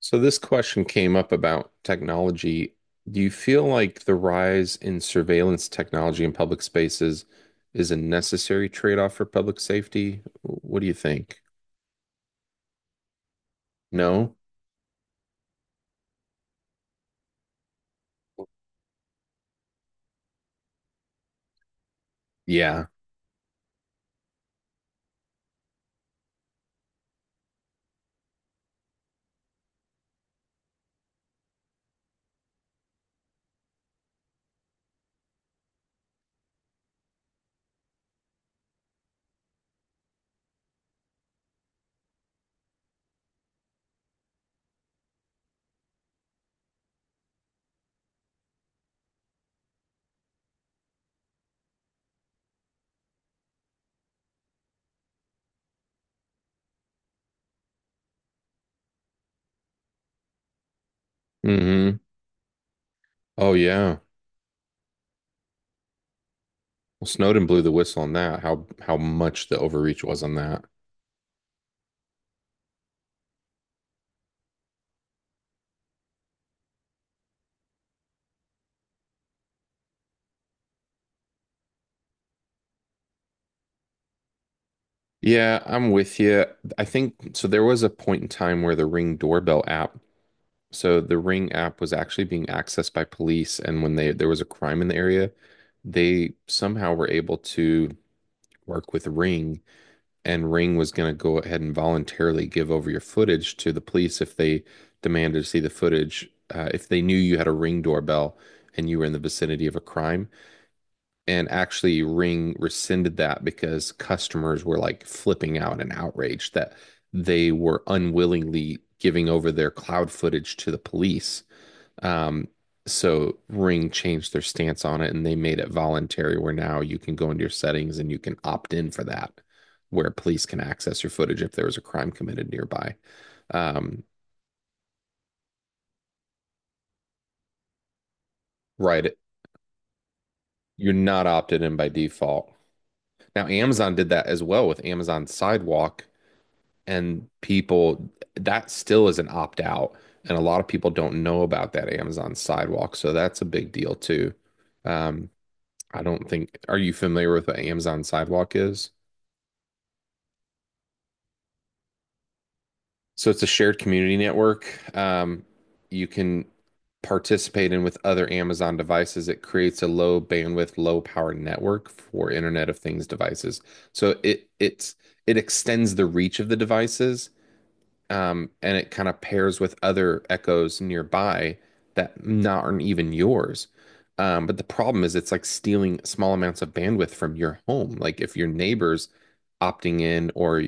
So this question came up about technology. Do you feel like the rise in surveillance technology in public spaces is a necessary trade-off for public safety? What do you think? No? Yeah. Hmm. Oh yeah. Well, Snowden blew the whistle on that. How much the overreach was on that. Yeah, I'm with you. I think so. There was a point in time where the Ring doorbell app. So the Ring app was actually being accessed by police, and when they there was a crime in the area, they somehow were able to work with Ring, and Ring was going to go ahead and voluntarily give over your footage to the police if they demanded to see the footage, if they knew you had a Ring doorbell and you were in the vicinity of a crime. And actually, Ring rescinded that because customers were like flipping out and outraged that they were unwillingly giving over their cloud footage to the police. um, so Ring changed their stance on it and they made it voluntary where now you can go into your settings and you can opt in for that, where police can access your footage if there was a crime committed nearby. Um, right. You're not opted in by default. Now, Amazon did that as well with Amazon Sidewalk, and people, that still is an opt out. And a lot of people don't know about that Amazon Sidewalk. So that's a big deal too. Um, I don't think, are you familiar with what Amazon Sidewalk is? So it's a shared community network. You can participate in with other Amazon devices. It creates a low bandwidth, low power network for Internet of Things devices. So it extends the reach of the devices, and it kind of pairs with other Echoes nearby that not aren't even yours. But the problem is it's like stealing small amounts of bandwidth from your home. Like if your neighbors opting in or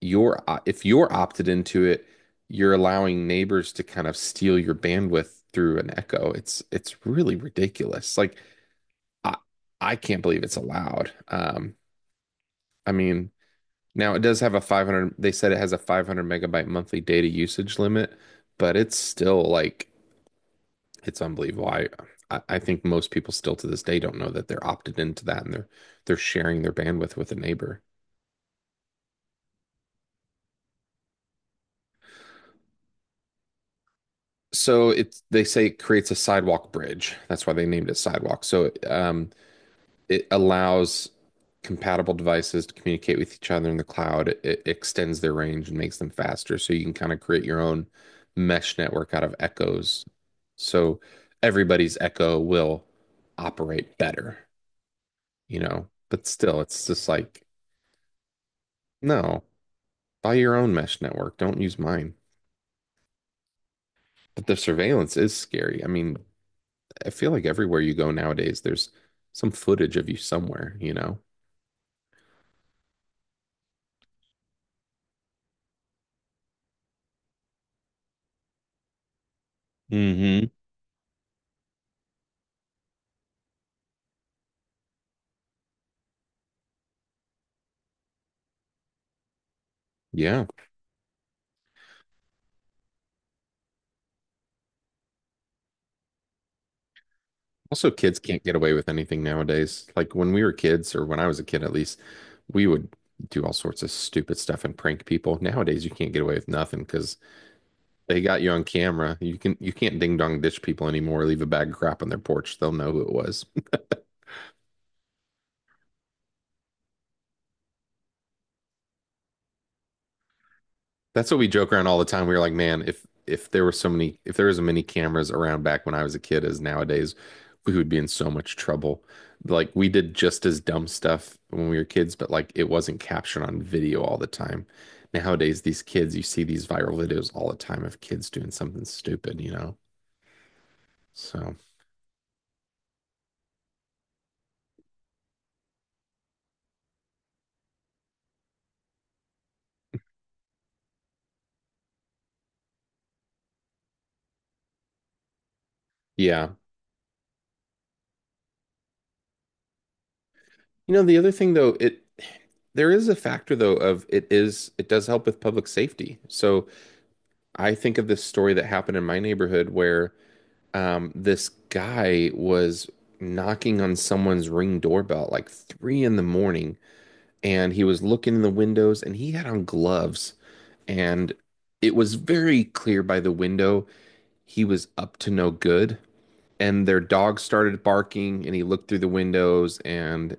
you're if you're opted into it, you're allowing neighbors to kind of steal your bandwidth through an echo. It's really ridiculous. Like I I can't believe it's allowed. I mean, now it does have a 500, they said it has a 500 megabyte monthly data usage limit, but it's still like it's unbelievable. I think most people still to this day don't know that they're opted into that and they're sharing their bandwidth with a neighbor. So it's they say it creates a sidewalk bridge. That's why they named it sidewalk. So it allows compatible devices to communicate with each other in the cloud. It extends their range and makes them faster. So you can kind of create your own mesh network out of echoes. So everybody's echo will operate better, you know. But still, it's just like, no, buy your own mesh network. Don't use mine. But the surveillance is scary. I mean, I feel like everywhere you go nowadays, there's some footage of you somewhere, you know? Mm-hmm. Yeah. Also, kids can't get away with anything nowadays. Like when we were kids, or when I was a kid at least, we would do all sorts of stupid stuff and prank people. Nowadays, you can't get away with nothing because they got you on camera. You can't ding dong ditch people anymore. Leave a bag of crap on their porch. They'll know who it was. That's what we joke around all the time. We were like, man, if there were so many, if there was as many cameras around back when I was a kid as nowadays, we would be in so much trouble. Like we did just as dumb stuff when we were kids, but like it wasn't captured on video all the time. Nowadays, these kids, you see these viral videos all the time of kids doing something stupid, you know? So, yeah. You know, the other thing though, it there is a factor though of it, is it does help with public safety. So, I think of this story that happened in my neighborhood where this guy was knocking on someone's ring doorbell at like 3 in the morning, and he was looking in the windows, and he had on gloves, and it was very clear by the window he was up to no good. And their dog started barking, and he looked through the windows, and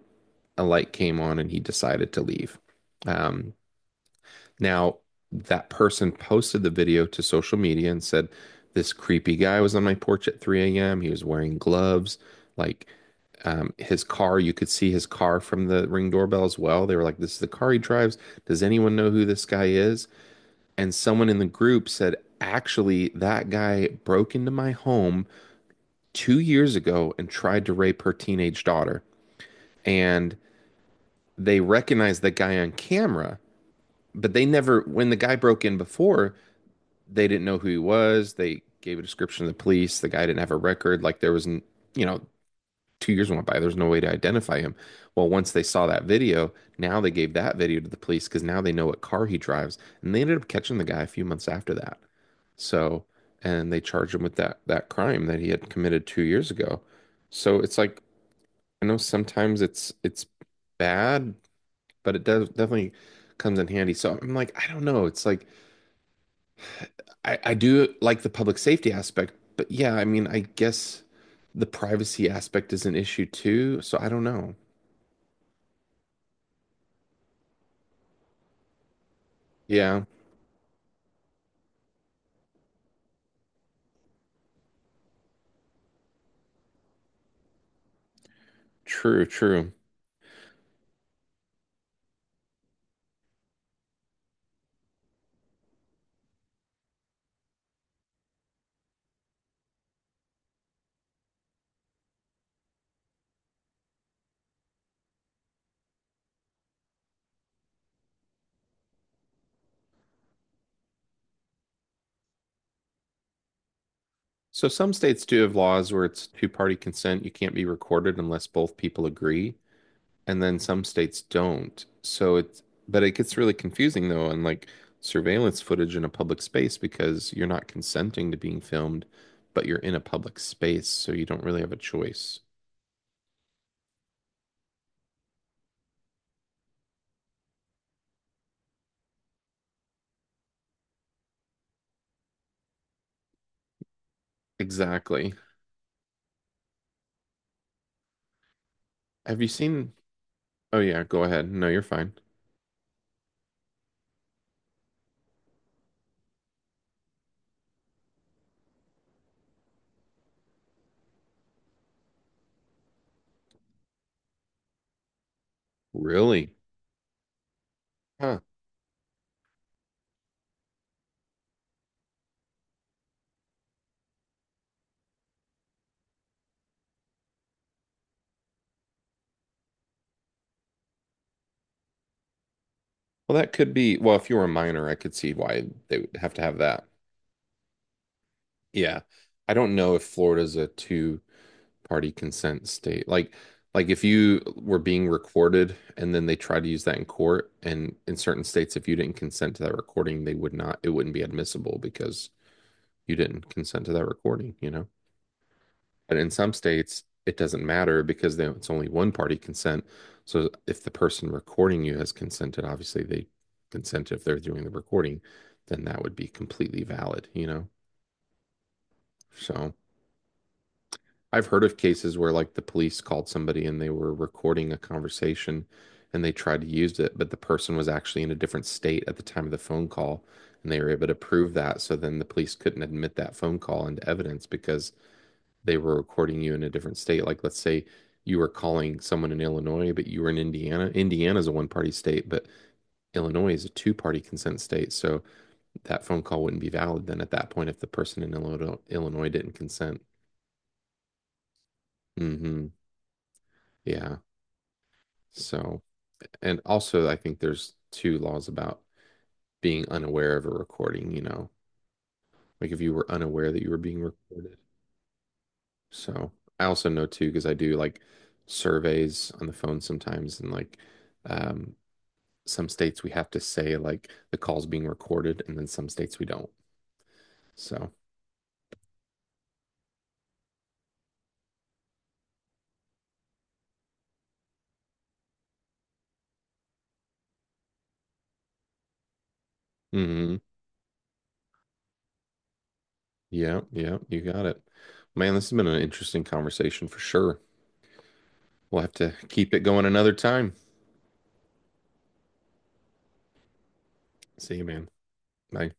a light came on, and he decided to leave. Um, Now, that person posted the video to social media and said, "This creepy guy was on my porch at 3 a.m. He was wearing gloves. Like his car, you could see his car from the ring doorbell as well." They were like, "This is the car he drives. Does anyone know who this guy is?" And someone in the group said, "Actually, that guy broke into my home 2 years ago and tried to rape her teenage daughter." And they recognized the guy on camera, but they never, when the guy broke in before, they didn't know who he was. They gave a description to the police. The guy didn't have a record. Like there was, you know, 2 years went by. There's no way to identify him. Well, once they saw that video, now they gave that video to the police because now they know what car he drives. And they ended up catching the guy a few months after that. So, and they charged him with that crime that he had committed 2 years ago. So it's like I know sometimes it's bad, but it does definitely comes in handy. So I'm like, I don't know. It's like I do like the public safety aspect, but yeah, I mean, I guess the privacy aspect is an issue too. So I don't know. Yeah, true, true. So some states do have laws where it's two-party consent. You can't be recorded unless both people agree, and then some states don't. So it's, but it gets really confusing though, on like surveillance footage in a public space because you're not consenting to being filmed, but you're in a public space, so you don't really have a choice. Exactly. Have you seen? Oh yeah, go ahead. No, you're fine. Really? Huh. Well, that could be, well, if you were a minor, I could see why they would have to have that. Yeah. I don't know if Florida's a two-party consent state. Like if you were being recorded and then they try to use that in court and in certain states if you didn't consent to that recording, they would not it wouldn't be admissible because you didn't consent to that recording, you know? But in some states, it doesn't matter because it's only one party consent. So if the person recording you has consented, obviously they consent if they're doing the recording, then that would be completely valid, you know? So I've heard of cases where like the police called somebody and they were recording a conversation and they tried to use it, but the person was actually in a different state at the time of the phone call and they were able to prove that. So then the police couldn't admit that phone call into evidence because they were recording you in a different state. Like let's say you were calling someone in Illinois, but you were in Indiana. Indiana's a one party state, but Illinois is a two party consent state. So that phone call wouldn't be valid then at that point if the person in Illinois didn't consent. Mm-hmm. Yeah. So, and also, I think there's two laws about being unaware of a recording, you know, like if you were unaware that you were being recorded. So I also know too, because I do like surveys on the phone sometimes and like, um, some states we have to say like the call's being recorded, and then some states we don't. So, hmm yeah, yeah, you got it. Man, this has been an interesting conversation for sure. We'll have to keep it going another time. See you, man. Bye.